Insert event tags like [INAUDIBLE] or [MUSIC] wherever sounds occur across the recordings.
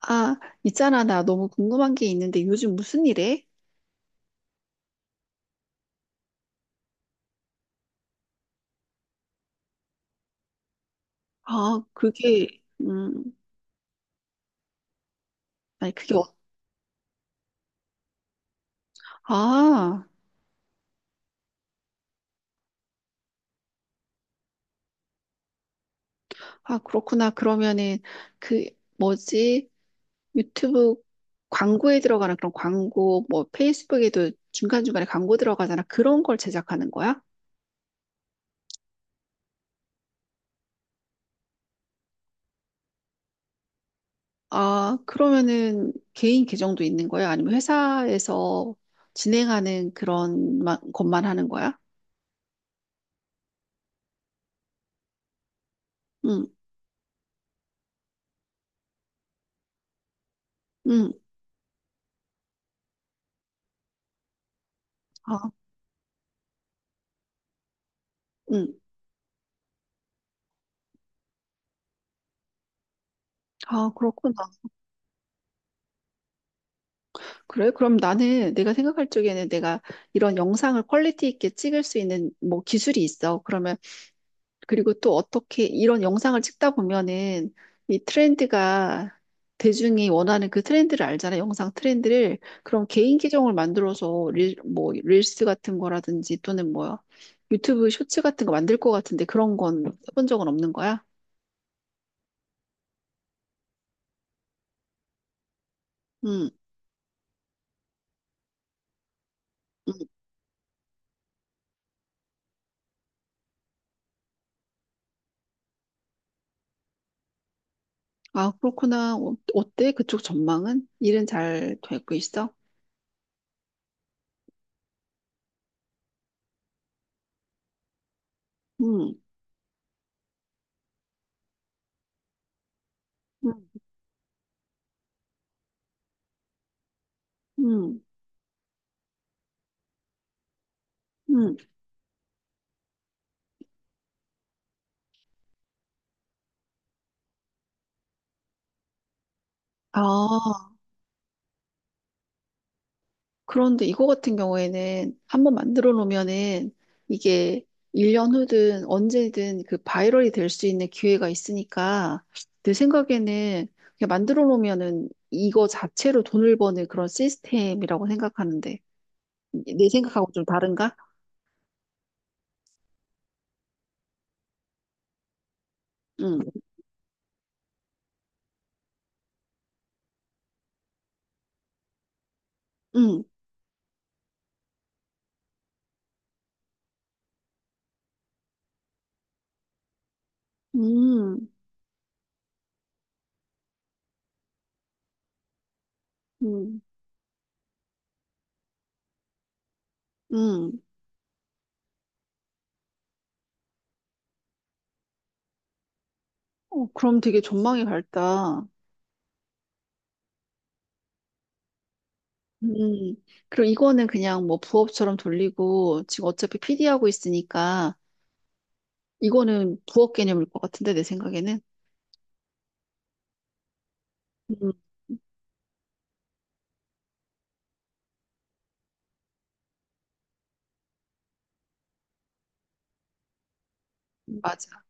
아, 있잖아. 나 너무 궁금한 게 있는데 요즘 무슨 일해? 아, 그게. 아니, 그게. 아, 아, 그렇구나. 그러면은 그, 뭐지? 유튜브 광고에 들어가는 그런 광고, 뭐 페이스북에도 중간중간에 광고 들어가잖아. 그런 걸 제작하는 거야? 아, 그러면은 개인 계정도 있는 거야? 아니면 회사에서 진행하는 그런 것만 하는 거야? 응. 응. 아. 응. 아, 그렇구나. 그래? 그럼 나는 내가 생각할 적에는 내가 이런 영상을 퀄리티 있게 찍을 수 있는 뭐 기술이 있어. 그러면 그리고 또 어떻게 이런 영상을 찍다 보면은 이 트렌드가 대중이 원하는 그 트렌드를 알잖아. 영상 트렌드를. 그럼 개인 계정을 만들어서 뭐 릴스 같은 거라든지 또는 뭐 유튜브 쇼츠 같은 거 만들 것 같은데 그런 건 해본 적은 없는 거야? 응. 응. 아, 그렇구나. 어, 어때? 그쪽 전망은? 일은 잘 되고 있어? 응. 응. 음. 음. 아, 그런데 이거 같은 경우에는 한번 만들어 놓으면은 이게 1년 후든 언제든 그 바이럴이 될 수 있는 기회가 있으니까 내 생각에는 그냥 만들어 놓으면은 이거 자체로 돈을 버는 그런 시스템이라고 생각하는데 내 생각하고 좀 다른가? 응. 응. 음. 음. 음. 음. 어, 그럼 되게 전망이 밝다. 음, 그리고 이거는 그냥 뭐 부업처럼 돌리고 지금 어차피 PD 하고 있으니까 이거는 부업 개념일 것 같은데 내 생각에는. 음, 맞아.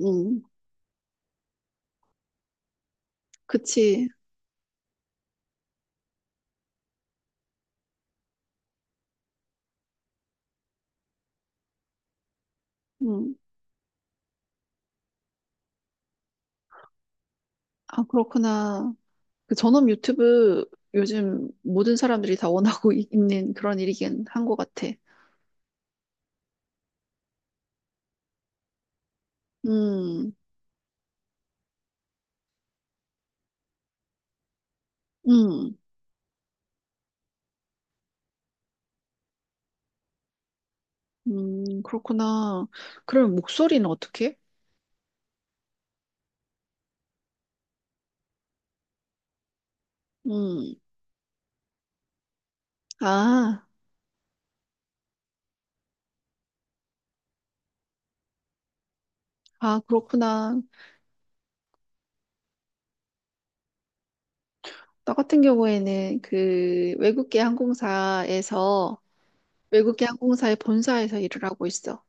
음, 그치. 음, 아, 그렇구나. 그 전업 유튜브 요즘 모든 사람들이 다 원하고 [LAUGHS] 있는 그런 일이긴 한 것 같아. 음. 음. 음. 그렇구나. 그럼 목소리는 어떻게? 음. 아. 아, 그렇구나. 나 같은 경우에는 그 외국계 항공사에서 외국계 항공사의 본사에서 일을 하고 있어.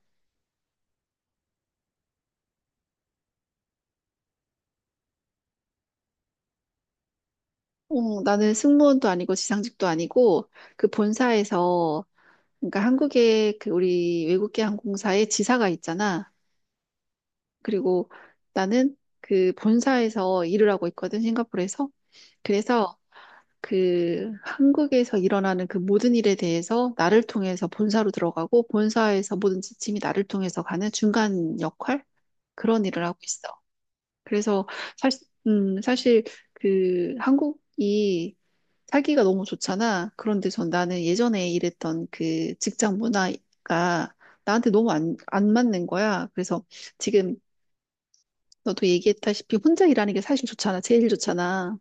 어, 나는 승무원도 아니고 지상직도 아니고 그 본사에서 그러니까 한국에 그 우리 외국계 항공사의 지사가 있잖아. 그리고 나는 그 본사에서 일을 하고 있거든, 싱가포르에서. 그래서 그 한국에서 일어나는 그 모든 일에 대해서 나를 통해서 본사로 들어가고 본사에서 모든 지침이 나를 통해서 가는 중간 역할? 그런 일을 하고 있어. 그래서 사실, 사실 그 한국이 살기가 너무 좋잖아. 그런데 전 나는 예전에 일했던 그 직장 문화가 나한테 너무 안 맞는 거야. 그래서 지금 너도 얘기했다시피 혼자 일하는 게 사실 좋잖아. 제일 좋잖아.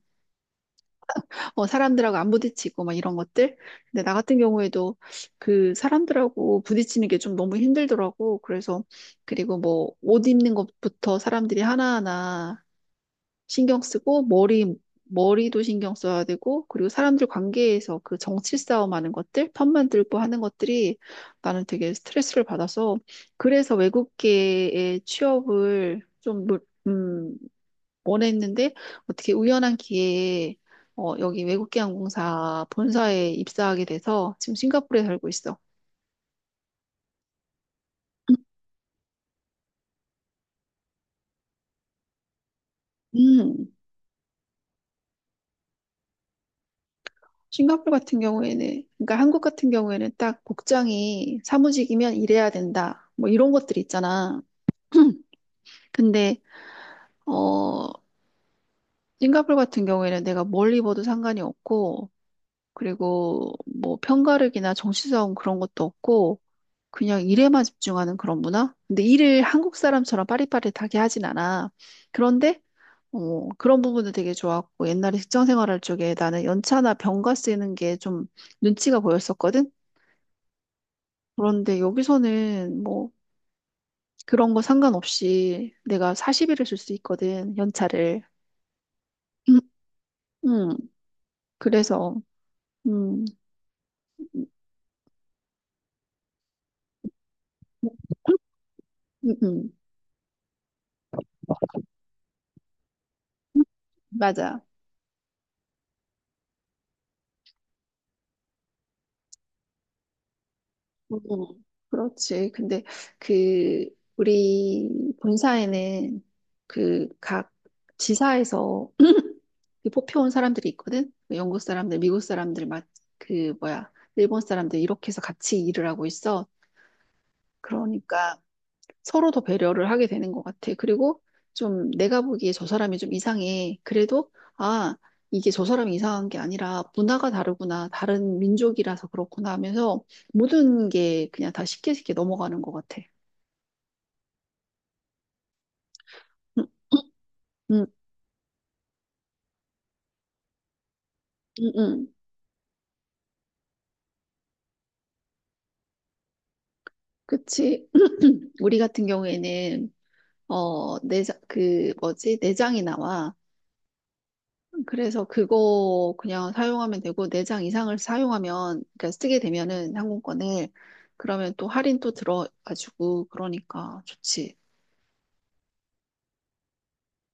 어, 사람들하고 안 부딪히고 막 이런 것들. 근데 나 같은 경우에도 그 사람들하고 부딪히는 게 좀 너무 힘들더라고. 그래서 그리고 뭐 옷 입는 것부터 사람들이 하나하나 신경 쓰고 머리도 신경 써야 되고 그리고 사람들 관계에서 그 정치 싸움하는 것들 편 만들고 하는 것들이 나는 되게 스트레스를 받아서 그래서 외국계의 취업을 좀 원했는데 어떻게 우연한 기회에 어, 여기 외국계 항공사 본사에 입사하게 돼서 지금 싱가포르에 살고 있어. 음. 싱가포르 같은 경우에는, 그러니까 한국 같은 경우에는 딱 복장이 사무직이면 이래야 된다. 뭐 이런 것들이 있잖아. [CLEARS THROAT] 근데, 어, 싱가포르 같은 경우에는 내가 뭘 입어도 상관이 없고, 그리고 뭐 편가르기나 정치성 그런 것도 없고, 그냥 일에만 집중하는 그런 문화? 근데 일을 한국 사람처럼 빠릿빠릿하게 하진 않아. 그런데, 그런 부분도 되게 좋았고, 옛날에 직장 생활할 적에 나는 연차나 병가 쓰는 게 좀 눈치가 보였었거든? 그런데 여기서는 뭐 그런 거 상관없이 내가 40일을 쓸 수 있거든, 연차를. 음. 음. 그래서. 음. 음. 음. 맞아. 음, 그렇지. 근데 그, 우리 본사에는 그 각 지사에서 [CLEARS THROAT] 그 뽑혀온 사람들이 있거든? 그 영국 사람들, 미국 사람들, 막 그, 뭐야, 일본 사람들, 이렇게 해서 같이 일을 하고 있어. 그러니까, 서로 더 배려를 하게 되는 것 같아. 그리고 좀 내가 보기에 저 사람이 좀 이상해. 그래도, 아, 이게 저 사람이 이상한 게 아니라 문화가 다르구나. 다른 민족이라서 그렇구나 하면서 모든 게 그냥 다 쉽게 쉽게 넘어가는 것 같아. 응. 응. 응. 응. 그치. [CLEARS THROAT] 우리 같은 경우에는, 내장, 그, 뭐지, 내장이 나와. 그래서 그거 그냥 사용하면 되고 4장 이상을 사용하면 그러니까 쓰게 되면은 항공권을 그러면 또 할인 또 들어가지고 그러니까 좋지.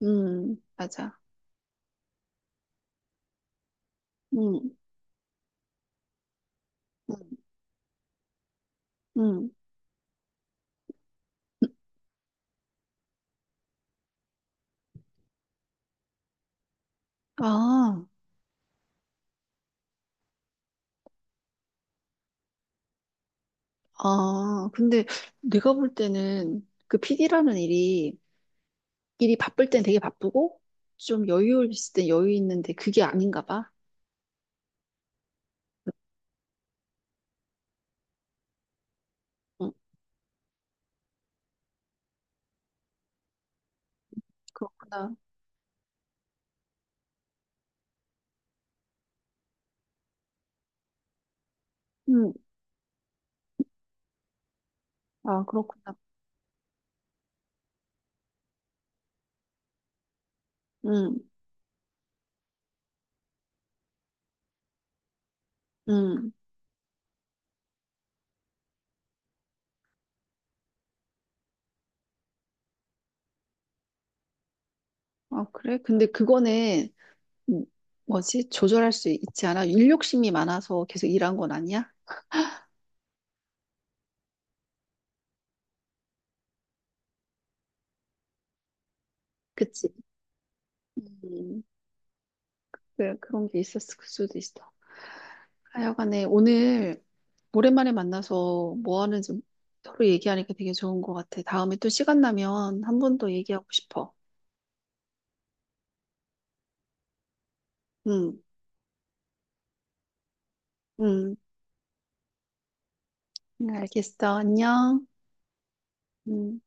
맞아. 음. 음. 음. 아. 아, 근데 내가 볼 때는 그 PD라는 일이 바쁠 땐 되게 바쁘고 좀 여유 있을 땐 여유 있는데 그게 아닌가 봐. 응. 그렇구나. 응. 아, 그렇구나. 응. 응. 아, 그래? 근데 그거는 음, 뭐지? 조절할 수 있지 않아? 일욕심이 많아서 계속 일한 건 아니야? 그치? 음, 그래, 그런 게 있었을 수도 있어. 하여간에 오늘 오랜만에 만나서 뭐 하는지 서로 얘기하니까 되게 좋은 것 같아. 다음에 또 시간 나면 한 번 더 얘기하고 싶어. 응. 응. 응, 알겠어. 안녕. 음.